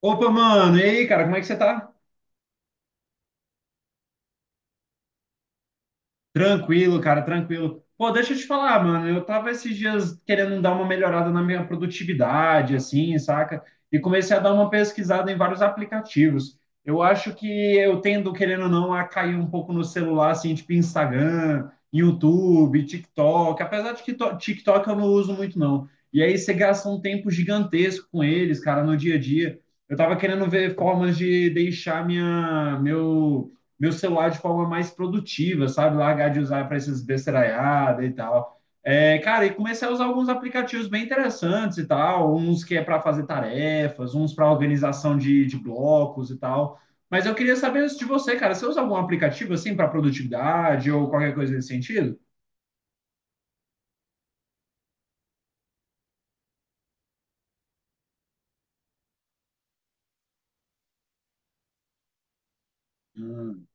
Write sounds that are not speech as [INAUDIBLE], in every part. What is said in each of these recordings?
Opa, mano, e aí, cara, como é que você tá? Tranquilo, cara, tranquilo. Pô, deixa eu te falar, mano, eu tava esses dias querendo dar uma melhorada na minha produtividade, assim, saca? E comecei a dar uma pesquisada em vários aplicativos. Eu acho que eu tendo, querendo ou não, a cair um pouco no celular, assim, tipo Instagram, YouTube, TikTok, apesar de que TikTok eu não uso muito, não. E aí você gasta um tempo gigantesco com eles, cara, no dia a dia. Eu tava querendo ver formas de deixar minha, meu meu celular de forma mais produtiva, sabe? Largar de usar para essas besteiraiadas e tal. É, cara, e comecei a usar alguns aplicativos bem interessantes e tal, uns que é para fazer tarefas, uns para organização de blocos e tal. Mas eu queria saber isso de você, cara. Você usa algum aplicativo assim para produtividade ou qualquer coisa nesse sentido? Hum.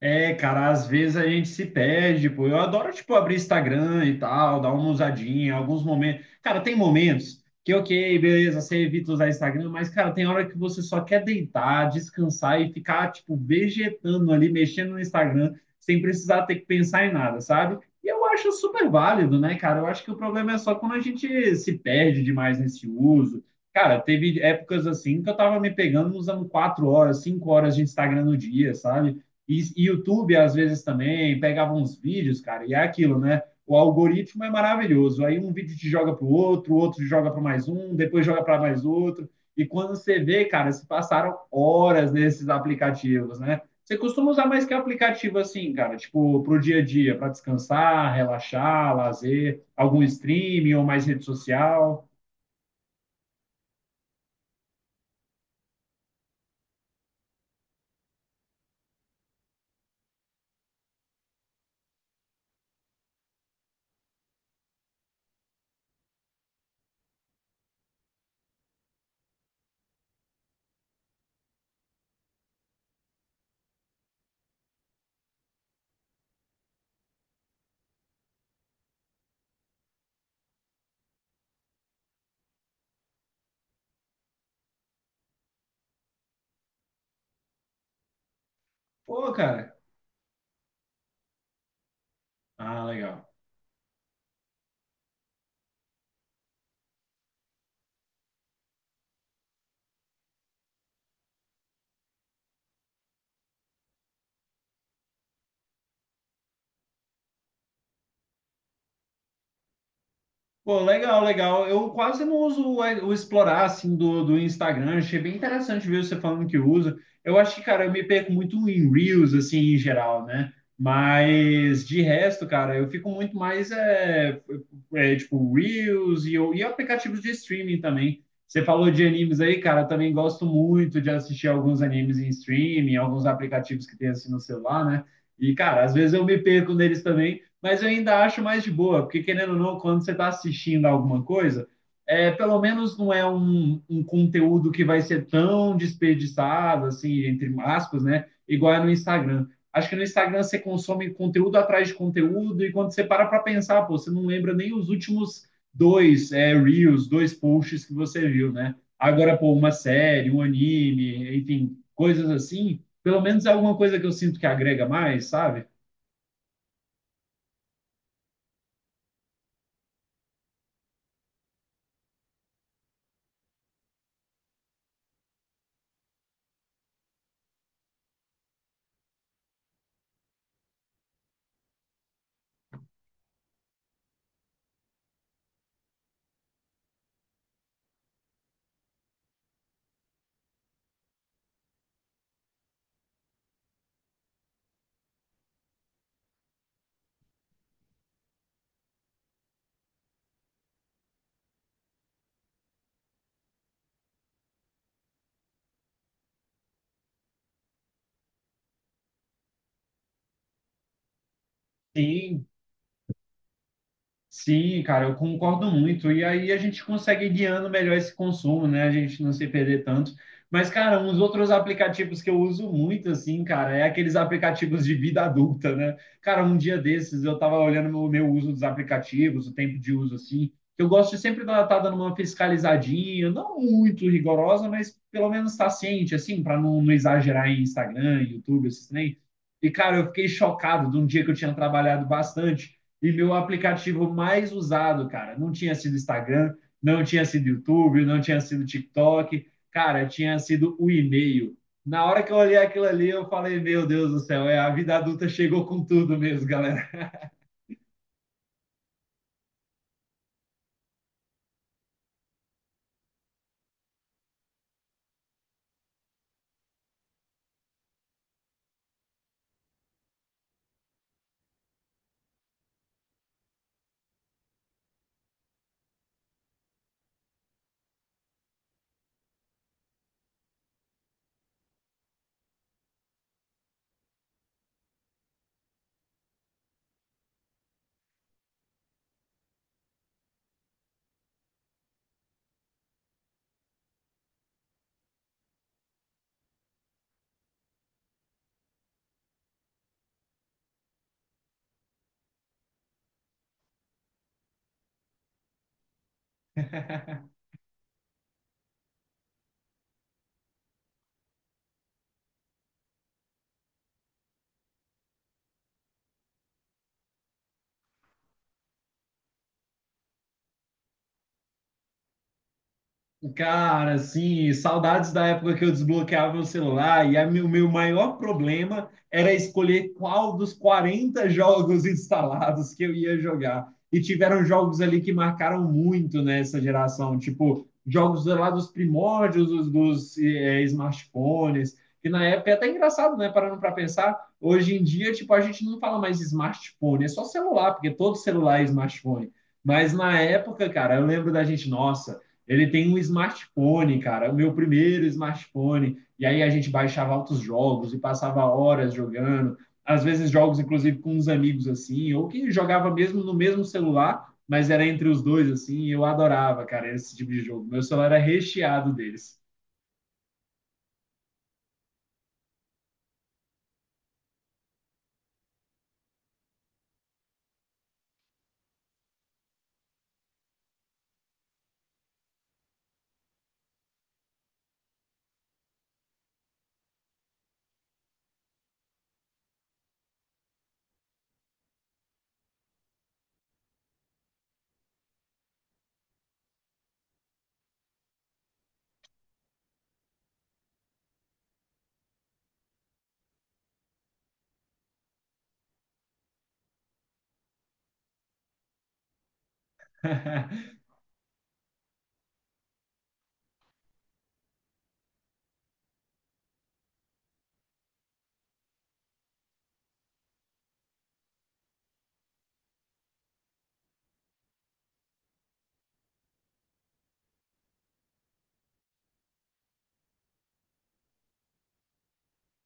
É, cara, às vezes a gente se perde, pô. Eu adoro, tipo, abrir Instagram e tal, dar uma usadinha, alguns momentos. Cara, tem momentos que, ok, beleza, você evita usar Instagram, mas, cara, tem hora que você só quer deitar, descansar e ficar, tipo, vegetando ali, mexendo no Instagram, sem precisar ter que pensar em nada, sabe? E eu acho super válido, né, cara? Eu acho que o problema é só quando a gente se perde demais nesse uso. Cara, teve épocas assim que eu tava me pegando usando 4 horas, 5 horas de Instagram no dia, sabe? E YouTube, às vezes, também pegava uns vídeos, cara, e é aquilo, né? O algoritmo é maravilhoso. Aí um vídeo te joga para o outro joga para mais um, depois joga para mais outro. E quando você vê, cara, se passaram horas nesses aplicativos, né? Você costuma usar mais que aplicativo assim, cara? Tipo, para o dia a dia, para descansar, relaxar, lazer, algum streaming ou mais rede social? Pô, cara. Ah, legal. Pô, legal, legal. Eu quase não uso o explorar assim do, do Instagram. Achei bem interessante ver você falando que usa. Eu acho que, cara, eu me perco muito em Reels, assim, em geral, né? Mas de resto, cara, eu fico muito mais tipo Reels e, e aplicativos de streaming também. Você falou de animes aí, cara, eu também gosto muito de assistir alguns animes em streaming, alguns aplicativos que tem assim no celular, né? E, cara, às vezes eu me perco neles também, mas eu ainda acho mais de boa, porque querendo ou não, quando você está assistindo alguma coisa, é, pelo menos não é um, um conteúdo que vai ser tão desperdiçado, assim, entre aspas, né? Igual é no Instagram. Acho que no Instagram você consome conteúdo atrás de conteúdo, e quando você para para pensar, pô, você não lembra nem os últimos dois reels, dois posts que você viu, né? Agora, pô, uma série, um anime, enfim, coisas assim, pelo menos é alguma coisa que eu sinto que agrega mais, sabe? Sim, sim, cara, eu concordo muito. E aí a gente consegue ir guiando melhor esse consumo, né? A gente não se perder tanto. Mas, cara, uns outros aplicativos que eu uso muito, assim, cara, é aqueles aplicativos de vida adulta, né? Cara, um dia desses eu tava olhando o meu, meu uso dos aplicativos, o tempo de uso, assim. Eu gosto de sempre estar dando uma fiscalizadinha, não muito rigorosa, mas pelo menos estar ciente, assim, para não, não exagerar em Instagram, YouTube, esses trem. E, cara, eu fiquei chocado de um dia que eu tinha trabalhado bastante. E meu aplicativo mais usado, cara, não tinha sido Instagram, não tinha sido YouTube, não tinha sido TikTok, cara, tinha sido o e-mail. Na hora que eu olhei aquilo ali, eu falei: Meu Deus do céu, é, a vida adulta chegou com tudo mesmo, galera. [LAUGHS] Cara, assim, saudades da época que eu desbloqueava meu celular e a o meu maior problema era escolher qual dos 40 jogos [LAUGHS] instalados que eu ia jogar. E tiveram jogos ali que marcaram muito nessa geração, tipo jogos lá dos primórdios dos, eh, smartphones, que na época é até engraçado, né? Parando para pensar, hoje em dia, tipo, a gente não fala mais smartphone, é só celular, porque todo celular é smartphone. Mas na época, cara, eu lembro da gente, nossa. Ele tem um smartphone, cara, o meu primeiro smartphone. E aí a gente baixava altos jogos e passava horas jogando. Às vezes jogos, inclusive, com uns amigos assim, ou que jogava mesmo no mesmo celular, mas era entre os dois assim. E eu adorava, cara, esse tipo de jogo. Meu celular era recheado deles. [LAUGHS]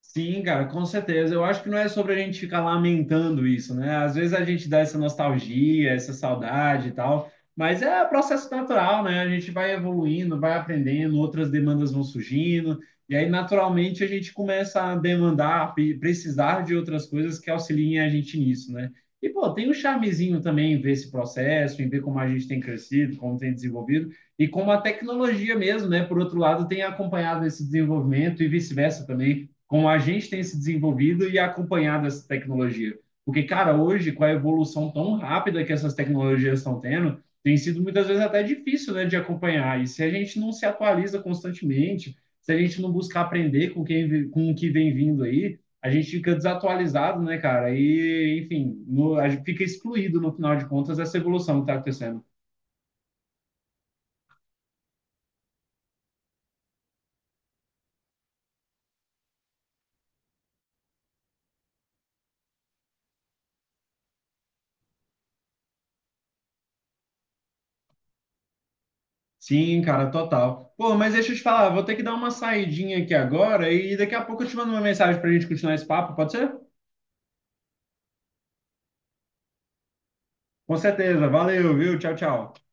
Sim, cara, com certeza. Eu acho que não é sobre a gente ficar lamentando isso, né? Às vezes a gente dá essa nostalgia, essa saudade e tal, mas é processo natural, né? A gente vai evoluindo, vai aprendendo, outras demandas vão surgindo, e aí naturalmente a gente começa a demandar, precisar de outras coisas que auxiliem a gente nisso, né? E, pô, tem um charmezinho também em ver esse processo, em ver como a gente tem crescido, como tem desenvolvido, e como a tecnologia mesmo, né? Por outro lado, tem acompanhado esse desenvolvimento e vice-versa também como a gente tem se desenvolvido e acompanhado essa tecnologia. Porque, cara, hoje, com a evolução tão rápida que essas tecnologias estão tendo, tem sido muitas vezes até difícil, né, de acompanhar. E se a gente não se atualiza constantemente, se a gente não buscar aprender com quem com o que vem vindo aí, a gente fica desatualizado, né, cara? E, enfim, no, a gente fica excluído, no final de contas, dessa evolução que tá acontecendo. Sim, cara, total. Pô, mas deixa eu te falar, vou ter que dar uma saidinha aqui agora e daqui a pouco eu te mando uma mensagem pra gente continuar esse papo, pode ser? Com certeza. Valeu, viu? Tchau, tchau.